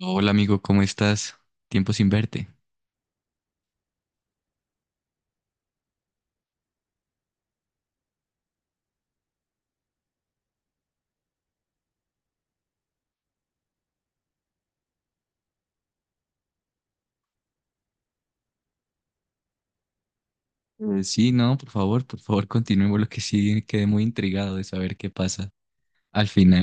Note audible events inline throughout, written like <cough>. Hola amigo, ¿cómo estás? Tiempo sin verte. Sí, no, por favor, <laughs> continuemos lo que sí quedé muy intrigado de saber qué pasa al final.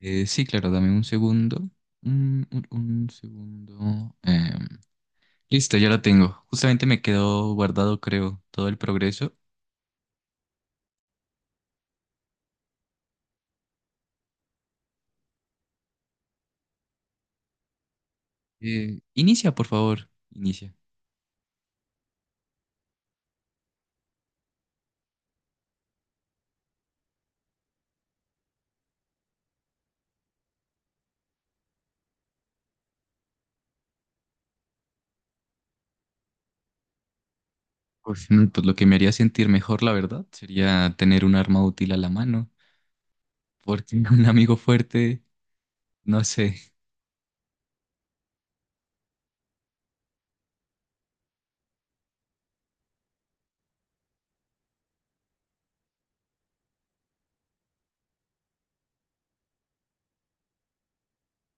Sí, claro, dame un segundo. Un segundo. Listo, ya lo tengo. Justamente me quedó guardado, creo, todo el progreso. Inicia, por favor, inicia. Pues lo que me haría sentir mejor, la verdad, sería tener un arma útil a la mano, porque <laughs> un amigo fuerte, no sé.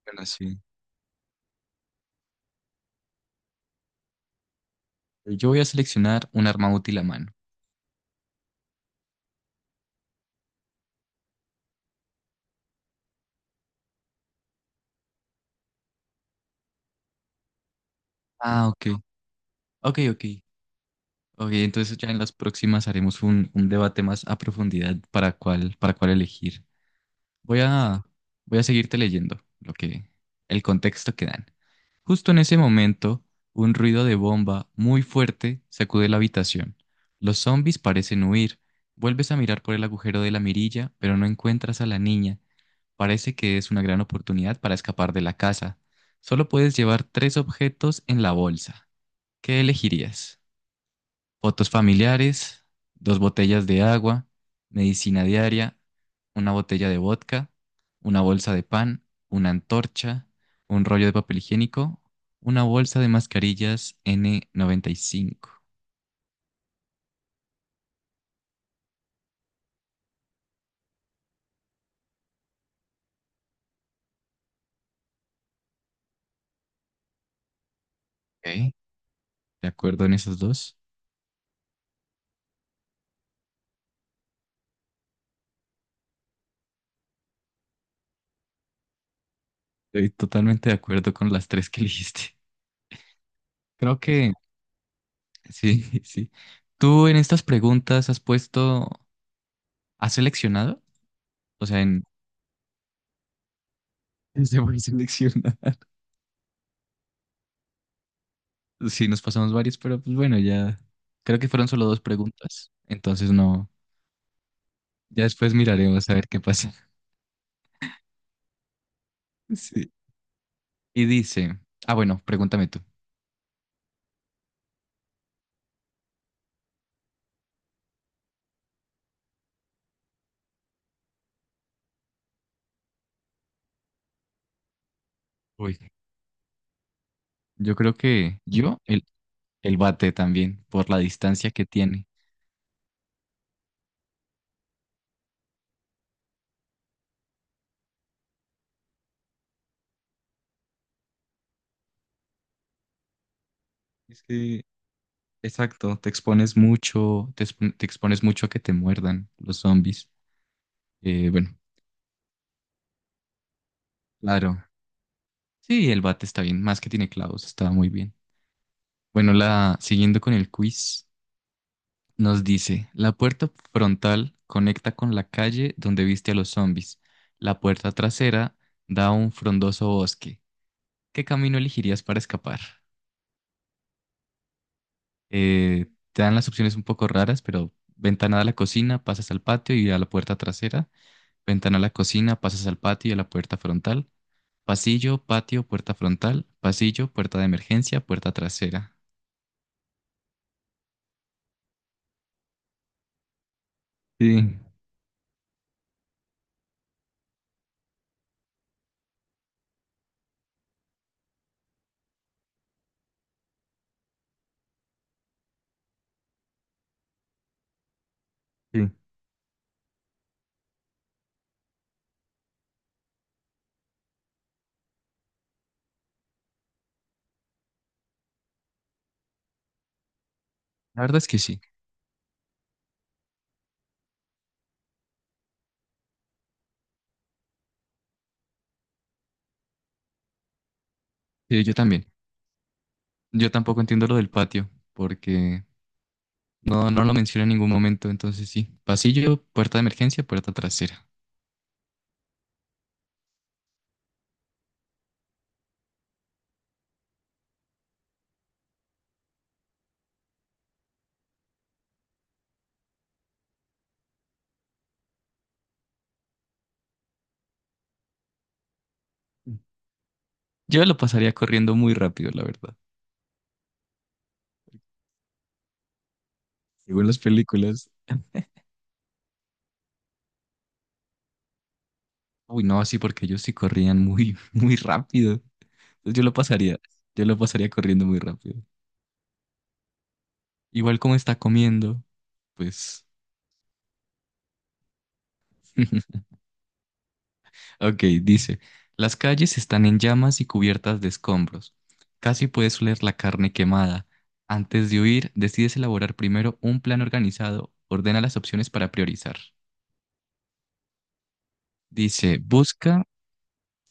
Bueno, sí. Yo voy a seleccionar un arma útil a mano. Ah, ok. Ok, ok. Ok, entonces ya en las próximas haremos un debate más a profundidad para cuál elegir. Voy a, voy a seguirte leyendo el contexto que dan. Justo en ese momento, un ruido de bomba muy fuerte sacude la habitación. Los zombies parecen huir. Vuelves a mirar por el agujero de la mirilla, pero no encuentras a la niña. Parece que es una gran oportunidad para escapar de la casa. Solo puedes llevar tres objetos en la bolsa. ¿Qué elegirías? Fotos familiares, dos botellas de agua, medicina diaria, una botella de vodka, una bolsa de pan, una antorcha, un rollo de papel higiénico, una bolsa de mascarillas N95. ¿Ok? ¿De acuerdo en esos dos? Estoy totalmente de acuerdo con las tres que <laughs> elegiste. Creo que Sí, <laughs> sí. ¿Tú en estas preguntas has puesto, has seleccionado? O sea, en... <laughs> Se voy seleccionar. <laughs> Sí, nos pasamos varios, pero pues bueno, ya creo que fueron solo dos preguntas. Entonces no, ya después miraremos a ver qué pasa. <laughs> Sí. Y dice, ah, bueno, pregúntame tú. Uy. Yo creo que el bate también, por la distancia que tiene. Es que, exacto, te expones mucho a que te muerdan los zombies. Bueno, claro. Sí, el bate está bien, más que tiene clavos, está muy bien. Bueno, la siguiendo con el quiz, nos dice, la puerta frontal conecta con la calle donde viste a los zombies. La puerta trasera da a un frondoso bosque. ¿Qué camino elegirías para escapar? Te dan las opciones un poco raras, pero ventana a la cocina, pasas al patio y a la puerta trasera. Ventana a la cocina, pasas al patio y a la puerta frontal. Pasillo, patio, puerta frontal. Pasillo, puerta de emergencia, puerta trasera. Sí, sí. La verdad es que sí, yo también. Yo tampoco entiendo lo del patio, porque no lo menciona en ningún momento, entonces sí. Pasillo, puerta de emergencia, puerta trasera. Yo lo pasaría corriendo muy rápido, la verdad. Según las películas. Uy, no, sí, porque ellos sí corrían muy, <laughs> muy rápido. Entonces yo lo pasaría corriendo muy rápido. Igual como está comiendo, pues <laughs> Ok, dice, las calles están en llamas y cubiertas de escombros. Casi puedes oler la carne quemada. Antes de huir, decides elaborar primero un plan organizado. Ordena las opciones para priorizar. Dice, busca...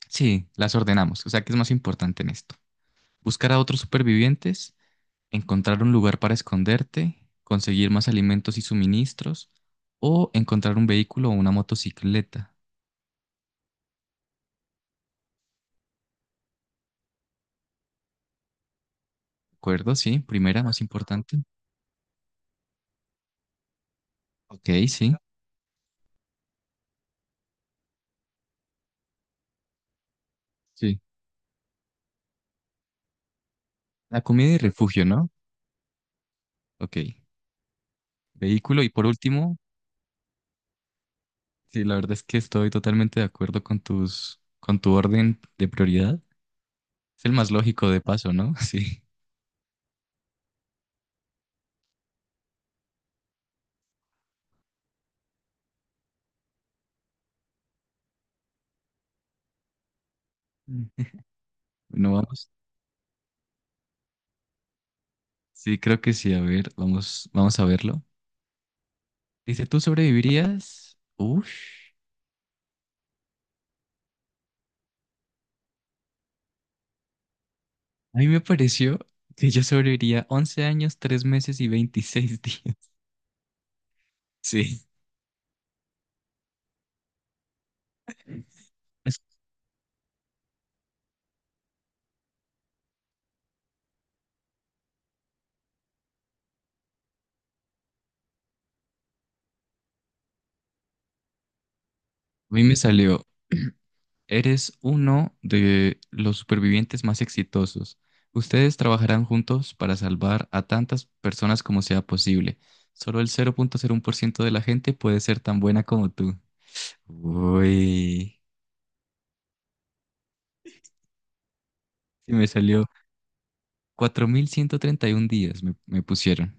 Sí, las ordenamos, o sea, ¿qué es más importante en esto? Buscar a otros supervivientes, encontrar un lugar para esconderte, conseguir más alimentos y suministros, o encontrar un vehículo o una motocicleta. ¿De acuerdo? Sí, primera, más importante. Ok, sí. Sí. La comida y refugio, ¿no? Ok. Vehículo y por último, sí, la verdad es que estoy totalmente de acuerdo con tu orden de prioridad. Es el más lógico de paso, ¿no? <laughs> Sí. Mm. Bueno, vamos. Sí, creo que sí. A ver, vamos a verlo. Dice, ¿tú sobrevivirías? Uf. A mí me pareció que yo sobreviviría 11 años, 3 meses y 26 <laughs> días. Sí. A mí me salió. Eres uno de los supervivientes más exitosos. Ustedes trabajarán juntos para salvar a tantas personas como sea posible. Solo el 0.01% de la gente puede ser tan buena como tú. Uy, sí me salió 4.131 días, me pusieron.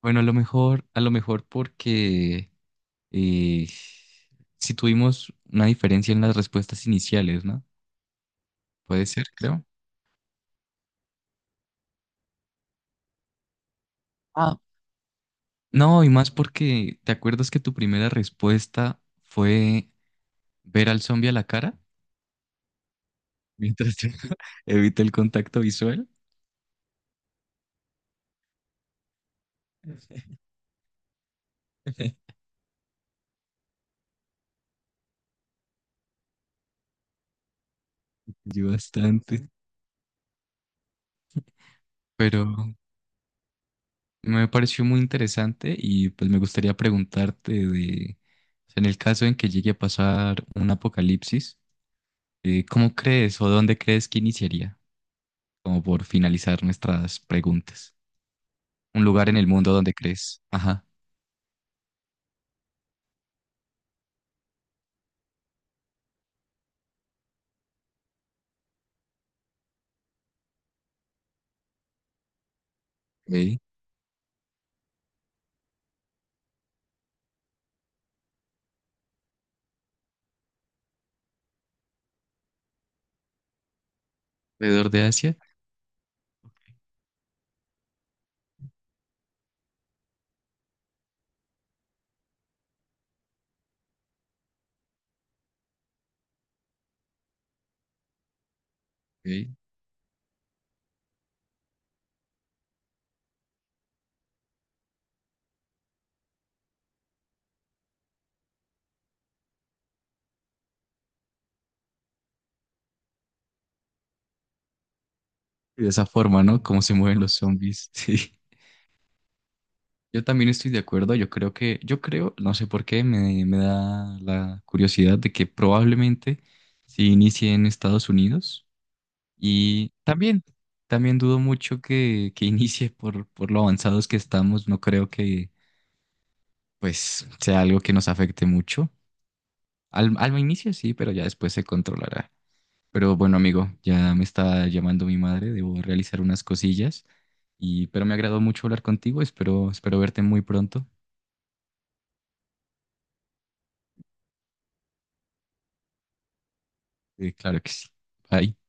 Bueno, a lo mejor porque eh, si tuvimos una diferencia en las respuestas iniciales, ¿no? Puede ser, creo. Ah, no, y más porque, ¿te acuerdas que tu primera respuesta fue ver al zombie a la cara? Mientras <laughs> evita el contacto visual. <laughs> Yo bastante. Pero me pareció muy interesante y pues me gustaría preguntarte de, o sea, en el caso en que llegue a pasar un apocalipsis, ¿cómo crees o dónde crees que iniciaría? Como por finalizar nuestras preguntas. Un lugar en el mundo donde crees. Ajá. Ok. Alrededor de Asia. Ok. De esa forma, ¿no? Cómo se mueven los zombies. <laughs> Sí. Yo también estoy de acuerdo. Yo creo, no sé por qué, me da la curiosidad de que probablemente si inicie en Estados Unidos. Y también dudo mucho que <laughs> inicie por lo avanzados que estamos. No creo que, pues, sea algo que nos afecte mucho. Al inicio sí, pero ya después se controlará. Pero bueno, amigo, ya me está llamando mi madre, debo realizar unas cosillas. Pero me agradó mucho hablar contigo, espero verte muy pronto. Claro que sí. Bye.